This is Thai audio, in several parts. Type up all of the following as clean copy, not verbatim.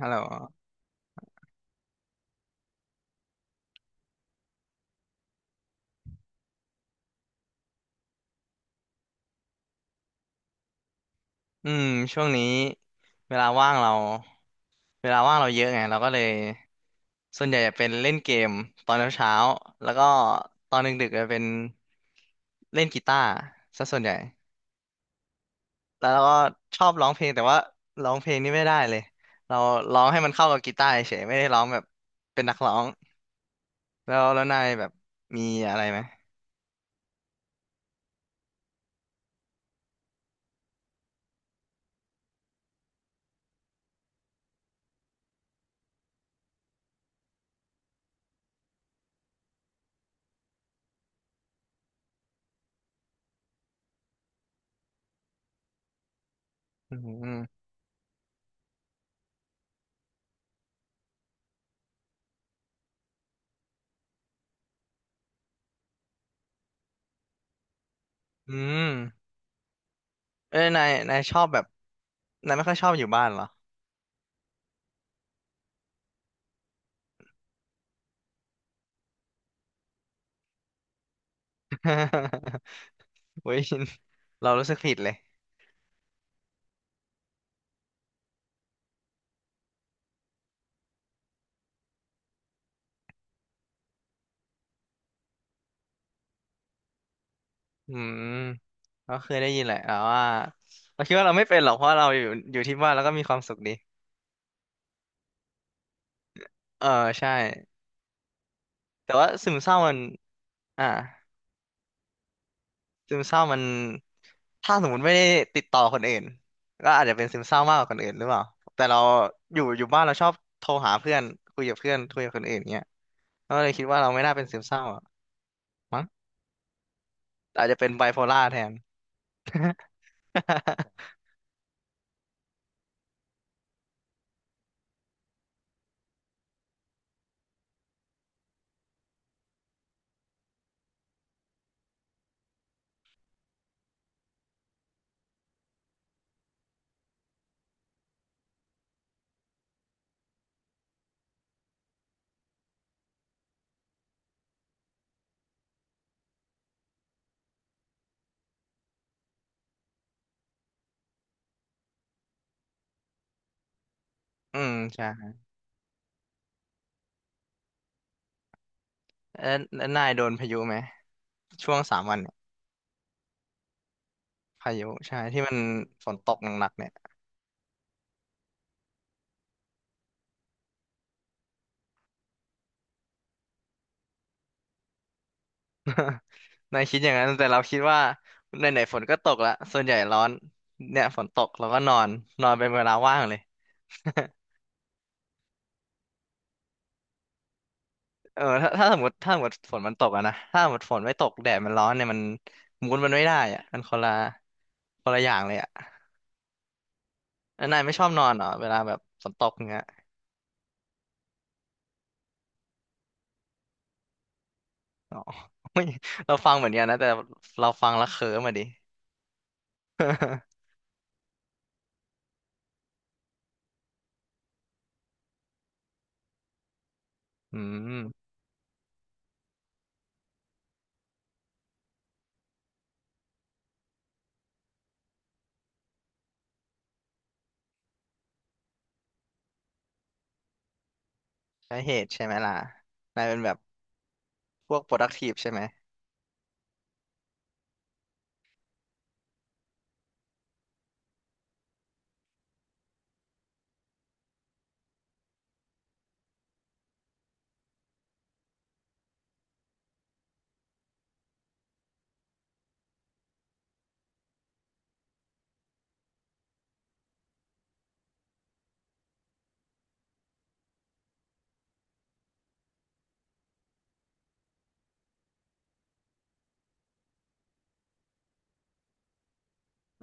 ฮัลโหลอืมช่วงนี้เวลาว่างเราเวลาว่างเราเยอะไงเราก็เลยส่วนใหญ่จะเป็นเล่นเกมตอนเช้าๆแล้วก็ตอนดึกๆจะเป็นเล่นกีตาร์ซะส่วนใหญ่แล้วเราก็ชอบร้องเพลงแต่ว่าร้องเพลงนี่ไม่ได้เลยเราร้องให้มันเข้ากับกีตาร์เฉยไม่ได้ร้องแบบเป็นนักร้องแล้วนายแบบมีอะไรไหมอืมอืมเอ้ยนายชอบแบบนายไม่ค่อยชอบอยู่บ้านเหรอ โอ้ ยเรารู้สึกผิดเลย อืมก็เคยได้ยินแหละแต่ว่าเราคิดว่าเราไม่เป็นหรอกเพราะเราอยู่ที่บ้านแล้วก็มีความสุขดีเออใช่แต่ว่าซึมเศร้ามันอ่าซึมเศร้ามันถ้าสมมติไม่ได้ติดต่อคนอื่นก็อาจจะเป็นซึมเศร้ามากกว่าคนอื่นหรือเปล่าแต่เราอยู่บ้านเราชอบโทรหาเพื่อนคุยกับเพื่อนคุยกับคนอื่นเงี้ยก็เลยคิดว่าเราไม่น่าเป็นซึมเศร้าอะมั้งแต่อาจจะเป็นไบโพล่าแทน อืมใช่แล้วนายโดนพายุไหมช่วงสามวันเนี่ยพายุใช่ที่มันฝนตกหนักๆเนี่ย นายคิดอย่างนั้นแต่เราคิดว่าไหนๆฝนก็ตกละส่วนใหญ่ร้อนเนี่ยฝนตกเราก็นอนนอนเป็นเวลาว่างเลย เออถ้าสมมติถ้าสมมติฝนมันตกอะนะถ้าสมมติฝนไม่ตกแดดมันร้อนเนี่ยมันมูดมันไม่ได้อะมันคนละอย่างเลยอะแล้วนายไม่ชอบนอนเหรอเวลาแบบฝนตกอย่างเงี้ยอ๋อ ไม่เราฟังเหมือนกันนะแต่เราฟังแล้วเคิร์มอะดิ อืมใช่เหตุใช่ไหมล่ะนายเป็นแบบพวก productive ใช่ไหม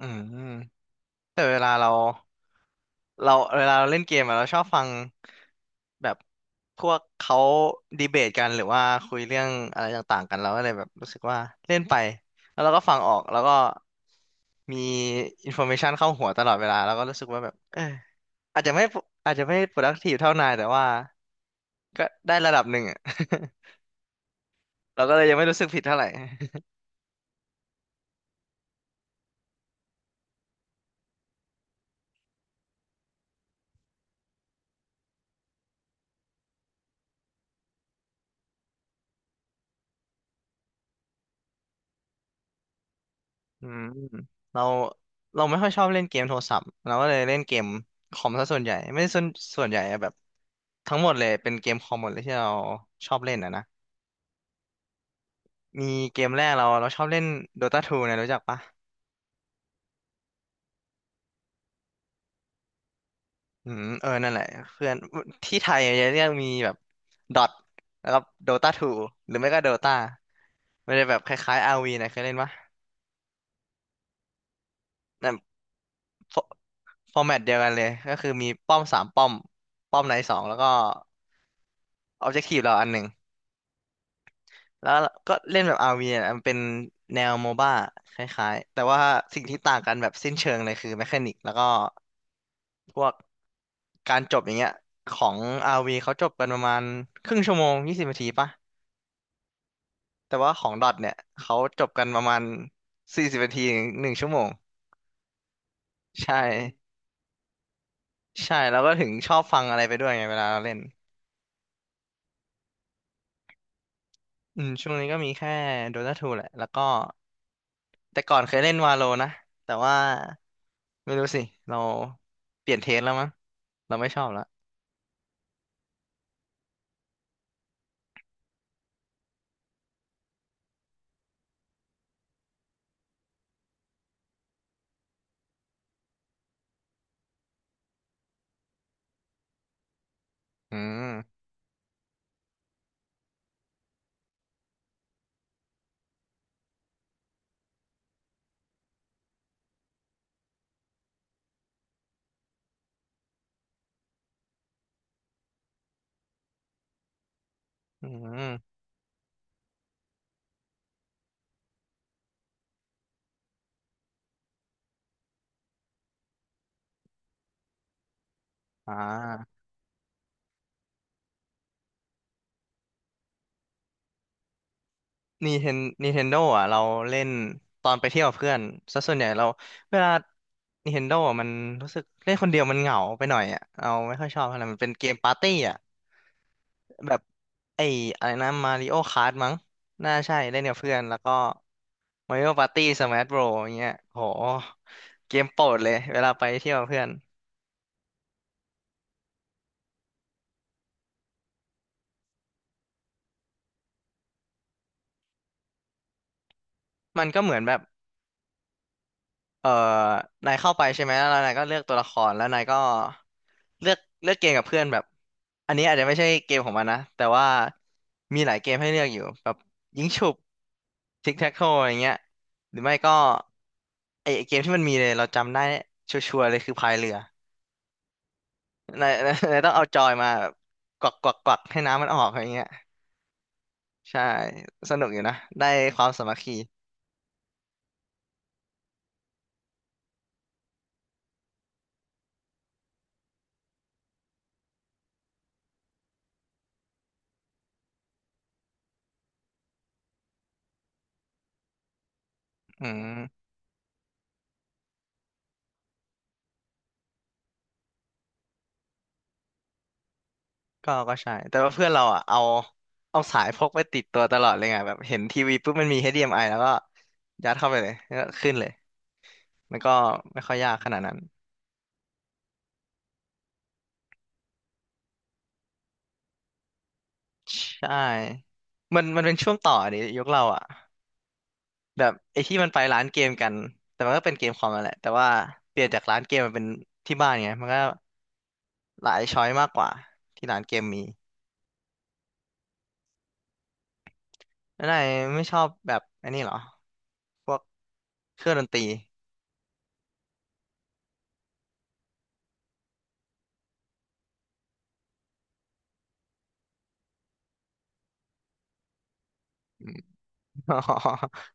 อืมแต่เวลาเรา เราเวลาเราเล่นเกมอะเราชอบฟังแบบพวกเขาดีเบตกันหรือว่าคุยเรื่องอะไรต่างๆกันเราก็เลยแบบรู้สึกว่าเล่นไปแล้วเราก็ฟังออกแล้วก็มีอินโฟ a t ชันเข้าหัวตลอดเวลาแล้วก็รู้สึกว่าแบบเอออาจจะไม่อาจจะไม่ productive เท่านายแต่ว่าก็ได้ระดับหนึ่งอะ เราก็เลยยังไม่รู้สึกผิดเท่าไหร่ อืมเราเราไม่ค่อยชอบเล่นเกมโทรศัพท์เราก็เลยเล่นเกมคอมซะส่วนใหญ่ไม่ได้ส่วนส่วนใหญ่อะแบบทั้งหมดเลยเป็นเกมคอมหมดเลยที่เราชอบเล่นอ่ะนะมีเกมแรกเราชอบเล่น Dota ทูนะรู้จักปะอืมเออนั่นแหละเพื่อนที่ไทยจะเรียกมีแบบดอทแล้วก็โดตาทูหรือไม่ก็ Dota มันจะแบบคล้ายๆ r ีนะเคยเล่นปะแต่ฟอฟอร์แมตเดียวกันเลยก็คือมีป้อมสามป้อมป้อมไหนสองแล้วก็ออบเจกตีฟเราอันหนึ่ง แล้วก็เล่นแบบ RV เนี่ยมันเป็นแนวโมบ้าคล้ายๆแต่ว่าสิ่งที่ต่างกันแบบสิ้นเชิงเลยคือแมคานิกแล้วก็พวกการจบอย่างเงี้ยของ RV เขาจบกันประมาณครึ่งชั่วโมงยี่สิบนาทีปะแต่ว่าของดอทเนี่ยเขาจบกันประมาณสี่สิบนาทีถึงหนึ่งชั่วโมงใช่ใช่แล้วก็ถึงชอบฟังอะไรไปด้วยไงเวลาเราเล่น อืมช่วงนี้ก็มีแค่โดตาทูแหละ แล้วก็แต่ก่อนเคยเล่นวาโลนะ แต่ว่าไม่รู้สิเราเปลี่ยนเทสแล้วมั้งเราไม่ชอบแล้วอืมอืมอ่านีเทนโดอ่ะเราเล่นตอนไปเที่ยวกับเพื่อนซะส่วนใหญ่เราเวลา Nintendo อ่ะมันรู้สึกเล่นคนเดียวมันเหงาไปหน่อยอ่ะเราไม่ค่อยชอบเท่าไหร่มันเป็นเกมปาร์ตี้อ่ะ แบบไอ้อะไรนะมาริโอคาร์มั้งน่าใช่เล่นกับเพื่อนแล้วก็มาริโอปาร์ตี้สมาร์ทโบรอย่างเงี้ยโหเกมโปรดเลยเวลาไปเที่ยวกับเพื่อนมันก็เหมือนแบบเออนายเข้าไปใช่ไหมแล้วนายก็เลือกตัวละครแล้วนายก็เลือกเกมกับเพื่อนแบบอันนี้อาจจะไม่ใช่เกมของมันนะแต่ว่ามีหลายเกมให้เลือกอยู่แบบยิงฉุบทิกแท็กโทอย่างเงี้ยหรือไม่ก็ไอ้เกมที่มันมีเลยเราจำได้ชัวร์ๆเลยคือพายเรือ นายต้องเอาจอยมาแบบกวักให้น้ำมันออกอะไรเงี้ยใช่สนุกอยู่นะได้ความสามัคคีอืมก็ใช่แต่ว่าเพื่อนเราอ่ะเอาเอาสายพกไปติดตัวตลอดเลยไงแบบเห็นทีวีปุ๊บมันมี HDMI แล้วก็ยัดเข้าไปเลยแล้วก็ขึ้นเลยมันก็ไม่ค่อยยากขนาดนั้นใช่มันเป็นช่วงต่อดิยุคเราอ่ะแบบไอ้ที่มันไปร้านเกมกันแต่มันก็เป็นเกมคอมนั่นแหละแต่ว่าเปลี่ยนจากร้านเกมมาเป็นที่บ้านไงมันก็หลายช้อยมากกว่าที่ร้านเกมมี แล้วนายไม่ชอบแบบอันนี้เหรอพวกเครื่องดนตรี อ๋อ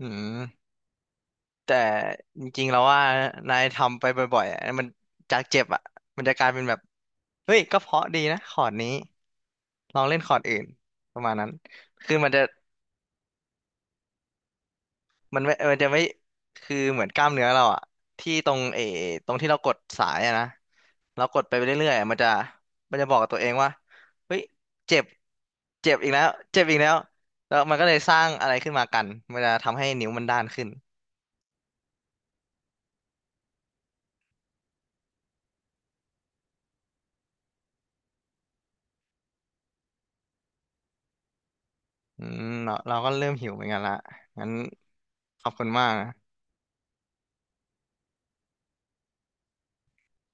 อืมแต่จริงๆแล้วว่านายทำไปบ่อยๆอะมันจากเจ็บอ่ะมันจะกลายเป็นแบบเฮ้ยก็เพราะดีนะคอร์ดนี้ลองเล่นคอร์ดอื่นประมาณนั้นคือมันจะ มันจะไม่คือเหมือนกล้ามเนื้อเราอะที่ตรงเออตรงที่เรากดสายอะนะเรากดไปเรื่อยๆอะมันจะบอกกับตัวเองว่าเฮ้ยเจ็บเจ็บอีกแล้วแล้วมันก็เลยสร้างอะไรขึ้นมากันมันจะทำให้นิ้วมันด้านขึ้นอืมเราก็เริ่มหิวเหมือนกันละงั้นขอบคุณมาก